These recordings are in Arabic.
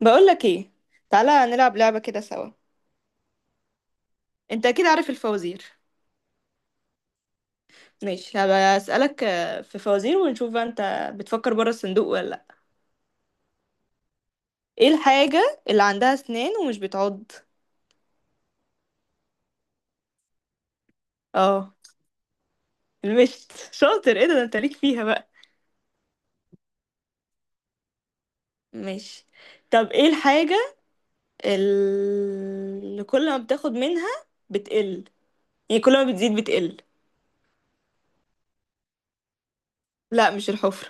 بقولك ايه؟ تعالى نلعب لعبة كده سوا. انت اكيد عارف الفوازير. ماشي، هبقى اسألك في فوازير ونشوف بقى انت بتفكر بره الصندوق ولا لا. ايه الحاجة اللي عندها اسنان ومش بتعض؟ اه المشت شاطر، ايه ده انت ليك فيها بقى. ماشي، طب ايه الحاجة اللي كل ما بتاخد منها بتقل، يعني كل ما بتزيد بتقل. لا مش الحفرة.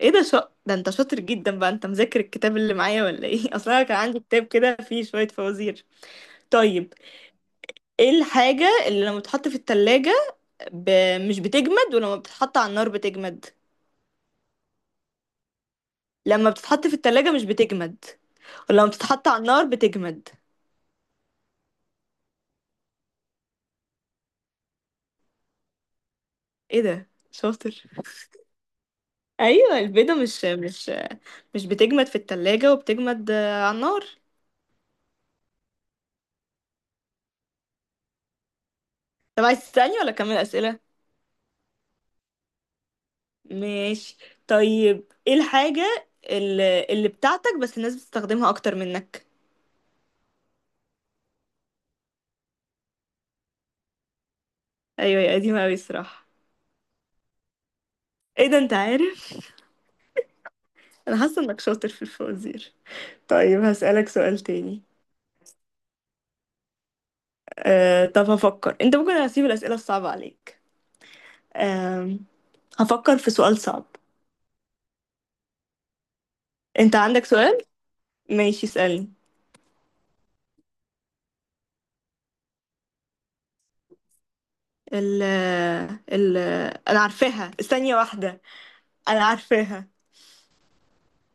ايه ده ده انت شاطر جدا بقى، انت مذاكر الكتاب اللي معايا ولا ايه؟ اصلا كان عندي كتاب كده فيه شوية فوازير. طيب ايه الحاجة اللي لما بتتحط في التلاجة ب... مش بتجمد ولما بتتحط على النار بتجمد، لما بتتحط في التلاجة مش بتجمد ولما بتتحط على النار بتجمد. ايه ده شاطر. ايوه البيضة مش بتجمد في التلاجة وبتجمد على النار. طب عايز تسألني ولا اكمل اسئلة؟ ماشي. طيب ايه الحاجة اللي بتاعتك بس الناس بتستخدمها اكتر منك. ايوه يا قديمة اوي الصراحة. ايه ده انت عارف. انا حاسة انك شاطر في الفوازير. طيب هسألك سؤال تاني. طب هفكر، انت ممكن هسيب الأسئلة الصعبة عليك. أه هفكر في سؤال صعب. انت عندك سؤال؟ ماشي اسألني. ال ال انا عارفاها، ثانية واحدة. انا عارفاها،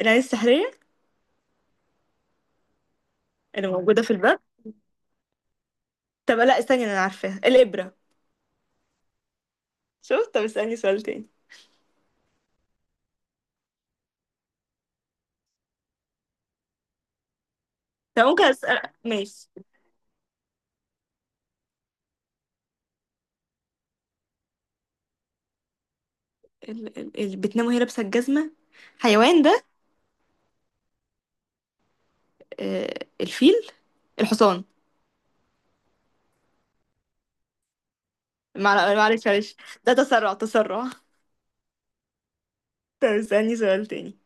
العين السحرية اللي موجودة في الباب. طب لا استني، انا عارفاها، الإبرة. شوف، طب اسألني سؤال تاني. طب ممكن اسأل؟ ماشي. اللي بتنام وهي لابسة الجزمة، حيوان ده؟ الفيل، الحصان. معلش معلش، ده تسرع تسرع. طب اسألني سؤال تاني.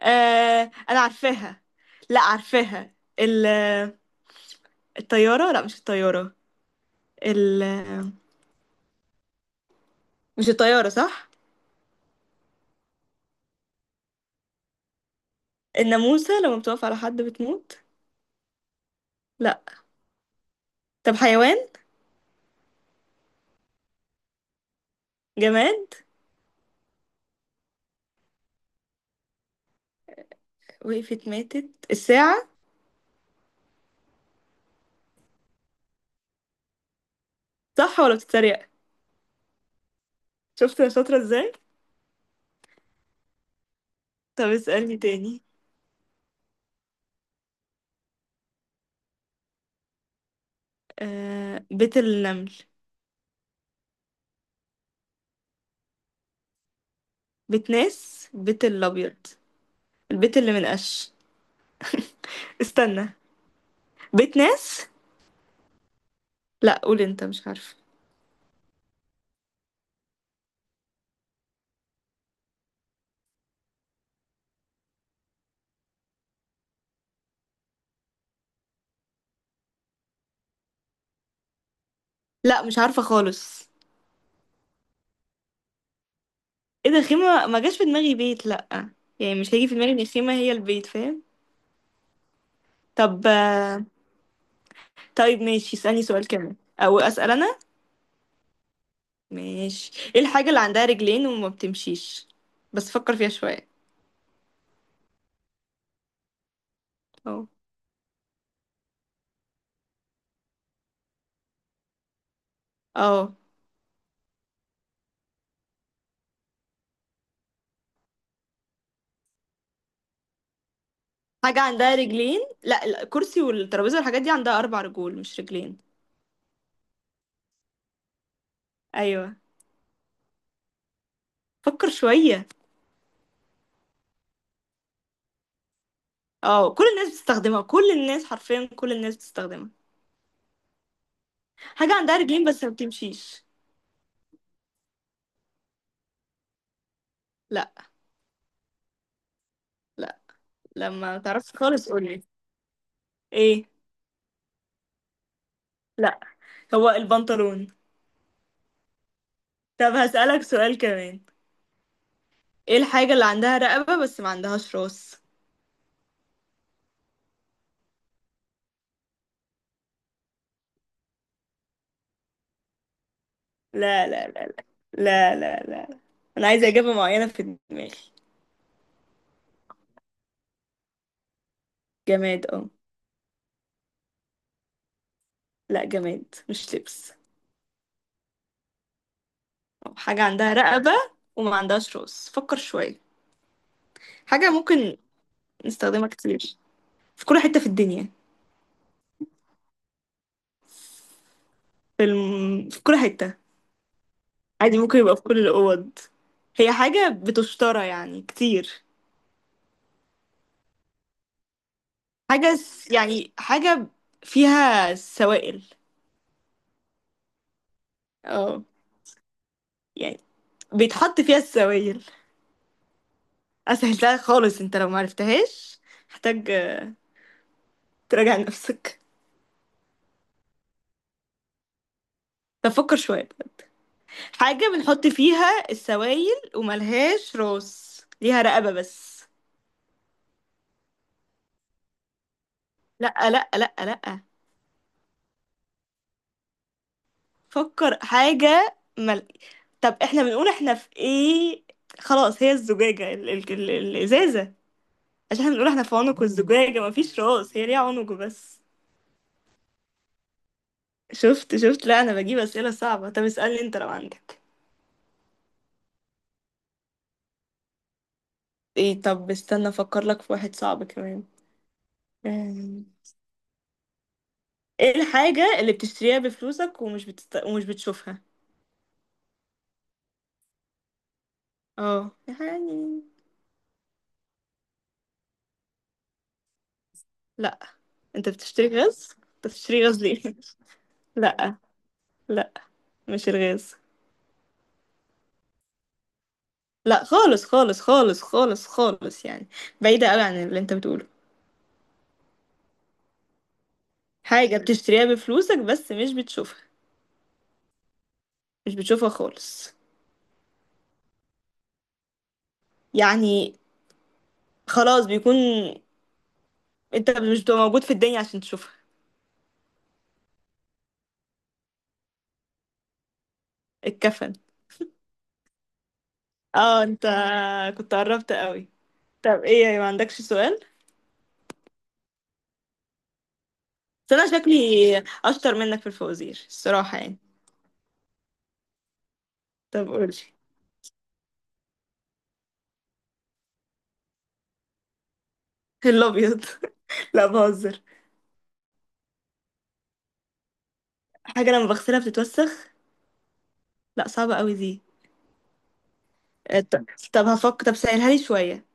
انا عارفاها، لا عارفاها، الطيارة، لا مش الطيارة، ال مش الطيارة صح. الناموسة لما بتقف على حد بتموت، لا. طب حيوان، جماد، وقفت ماتت، الساعة. صح ولا بتتريق؟ شفت انا شاطرة ازاي. طب اسألني تاني. آه، بيت النمل. بيت ناس، بيت الأبيض، البيت اللي من قش. استنى، بيت ناس. لا قول انت، مش عارفة. لا مش عارفة خالص. ايه ده، الخيمة ما جاش في دماغي بيت لأ، يعني مش هيجي في دماغي ان الخيمة هي البيت، فاهم. طب طيب ماشي، اسألني سؤال كمان او اسأل انا. ماشي، ايه الحاجة اللي عندها رجلين وما بتمشيش، بس فكر فيها شوية. اه. اه حاجة عندها رجلين، لا لا، الكرسي والترابيزة والحاجات دي عندها اربع رجول مش رجلين. ايوه، فكر شوية. اه، كل الناس بتستخدمها، كل الناس حرفيا كل الناس بتستخدمها. حاجة عندها رجلين بس ما بتمشيش. لا لا. لما تعرفش خالص قولي. ايه. لا، هو البنطلون. طب هسألك سؤال كمان. ايه الحاجة اللي عندها رقبة بس ما عندهاش راس؟ لا لا لا لا لا لا لا، انا عايزة إجابة معينة في دماغي. جماد اه. لا، جماد مش لبس. أو حاجة عندها رقبة وما عندهاش راس، فكر شوية. حاجة ممكن نستخدمها كتير، في كل حتة في الدنيا. في كل حتة. عادي، ممكن يبقى في كل الأوض. هي حاجة بتشترى يعني كتير. يعني حاجة فيها سوائل. اه يعني بيتحط فيها السوائل. اسهلتها خالص، انت لو معرفتهاش محتاج تراجع نفسك. طب فكر شوية. حاجة بنحط فيها السوائل وملهاش راس، ليها رقبة بس. لأ لأ لأ لأ. فكر. طب احنا بنقول احنا في ايه؟ خلاص، هي الزجاجة الإزازة، عشان احنا بنقول احنا في عنق الزجاجة، مفيش راس، هي ليها عنق بس. شفت شفت. لا انا بجيب أسئلة صعبة. طب اسألني انت لو عندك. ايه طب استنى افكر لك في واحد صعب كمان. أم، ايه الحاجة اللي بتشتريها بفلوسك ومش بتشوفها. اه يعني. لا، انت بتشتري غاز؟ انت بتشتري غاز ليه؟ لا لا مش الغاز. لا خالص خالص خالص خالص خالص، يعني بعيدة قوي عن اللي انت بتقوله. حاجة بتشتريها بفلوسك بس مش بتشوفها. مش بتشوفها خالص. يعني خلاص بيكون انت مش بتبقى موجود في الدنيا عشان تشوفها. الكفن. اه انت كنت قربت قوي. طب إيه، يعني ما عندكش سؤال؟ بس أنا شكلي أشطر منك في الفوازير الصراحة يعني. طب قولي. الأبيض. لا بهزر. حاجة لما بغسلها بتتوسخ. لا صعبة أوي دي. آه، طب طب سهلها لي شوية.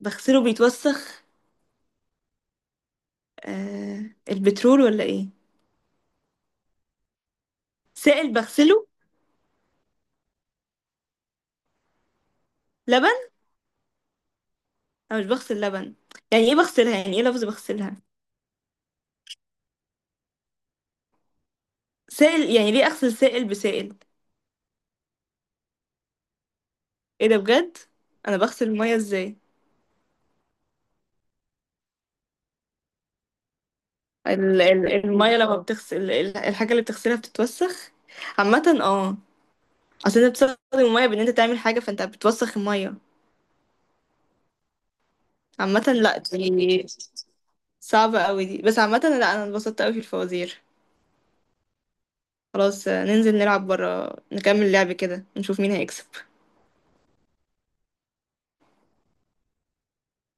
بغسله بيتوسخ. البترول ولا إيه؟ سائل بغسله. لبن؟ أنا مش بغسل لبن، يعني إيه بغسلها؟ يعني إيه لفظ بغسلها؟ سائل، يعني ليه أغسل سائل بسائل؟ إيه ده بجد؟ أنا بغسل المية إزاي؟ المية لما بتغسل الحاجة اللي بتغسلها بتتوسخ عامة اه. اصل انت بتستخدم المية بان انت تعمل حاجة فانت بتوسخ المية عامة. لا دي صعبة اوي دي، بس عامة لا انا اتبسطت اوي في الفوازير. خلاص ننزل نلعب برا، نكمل لعب كده، نشوف مين هيكسب.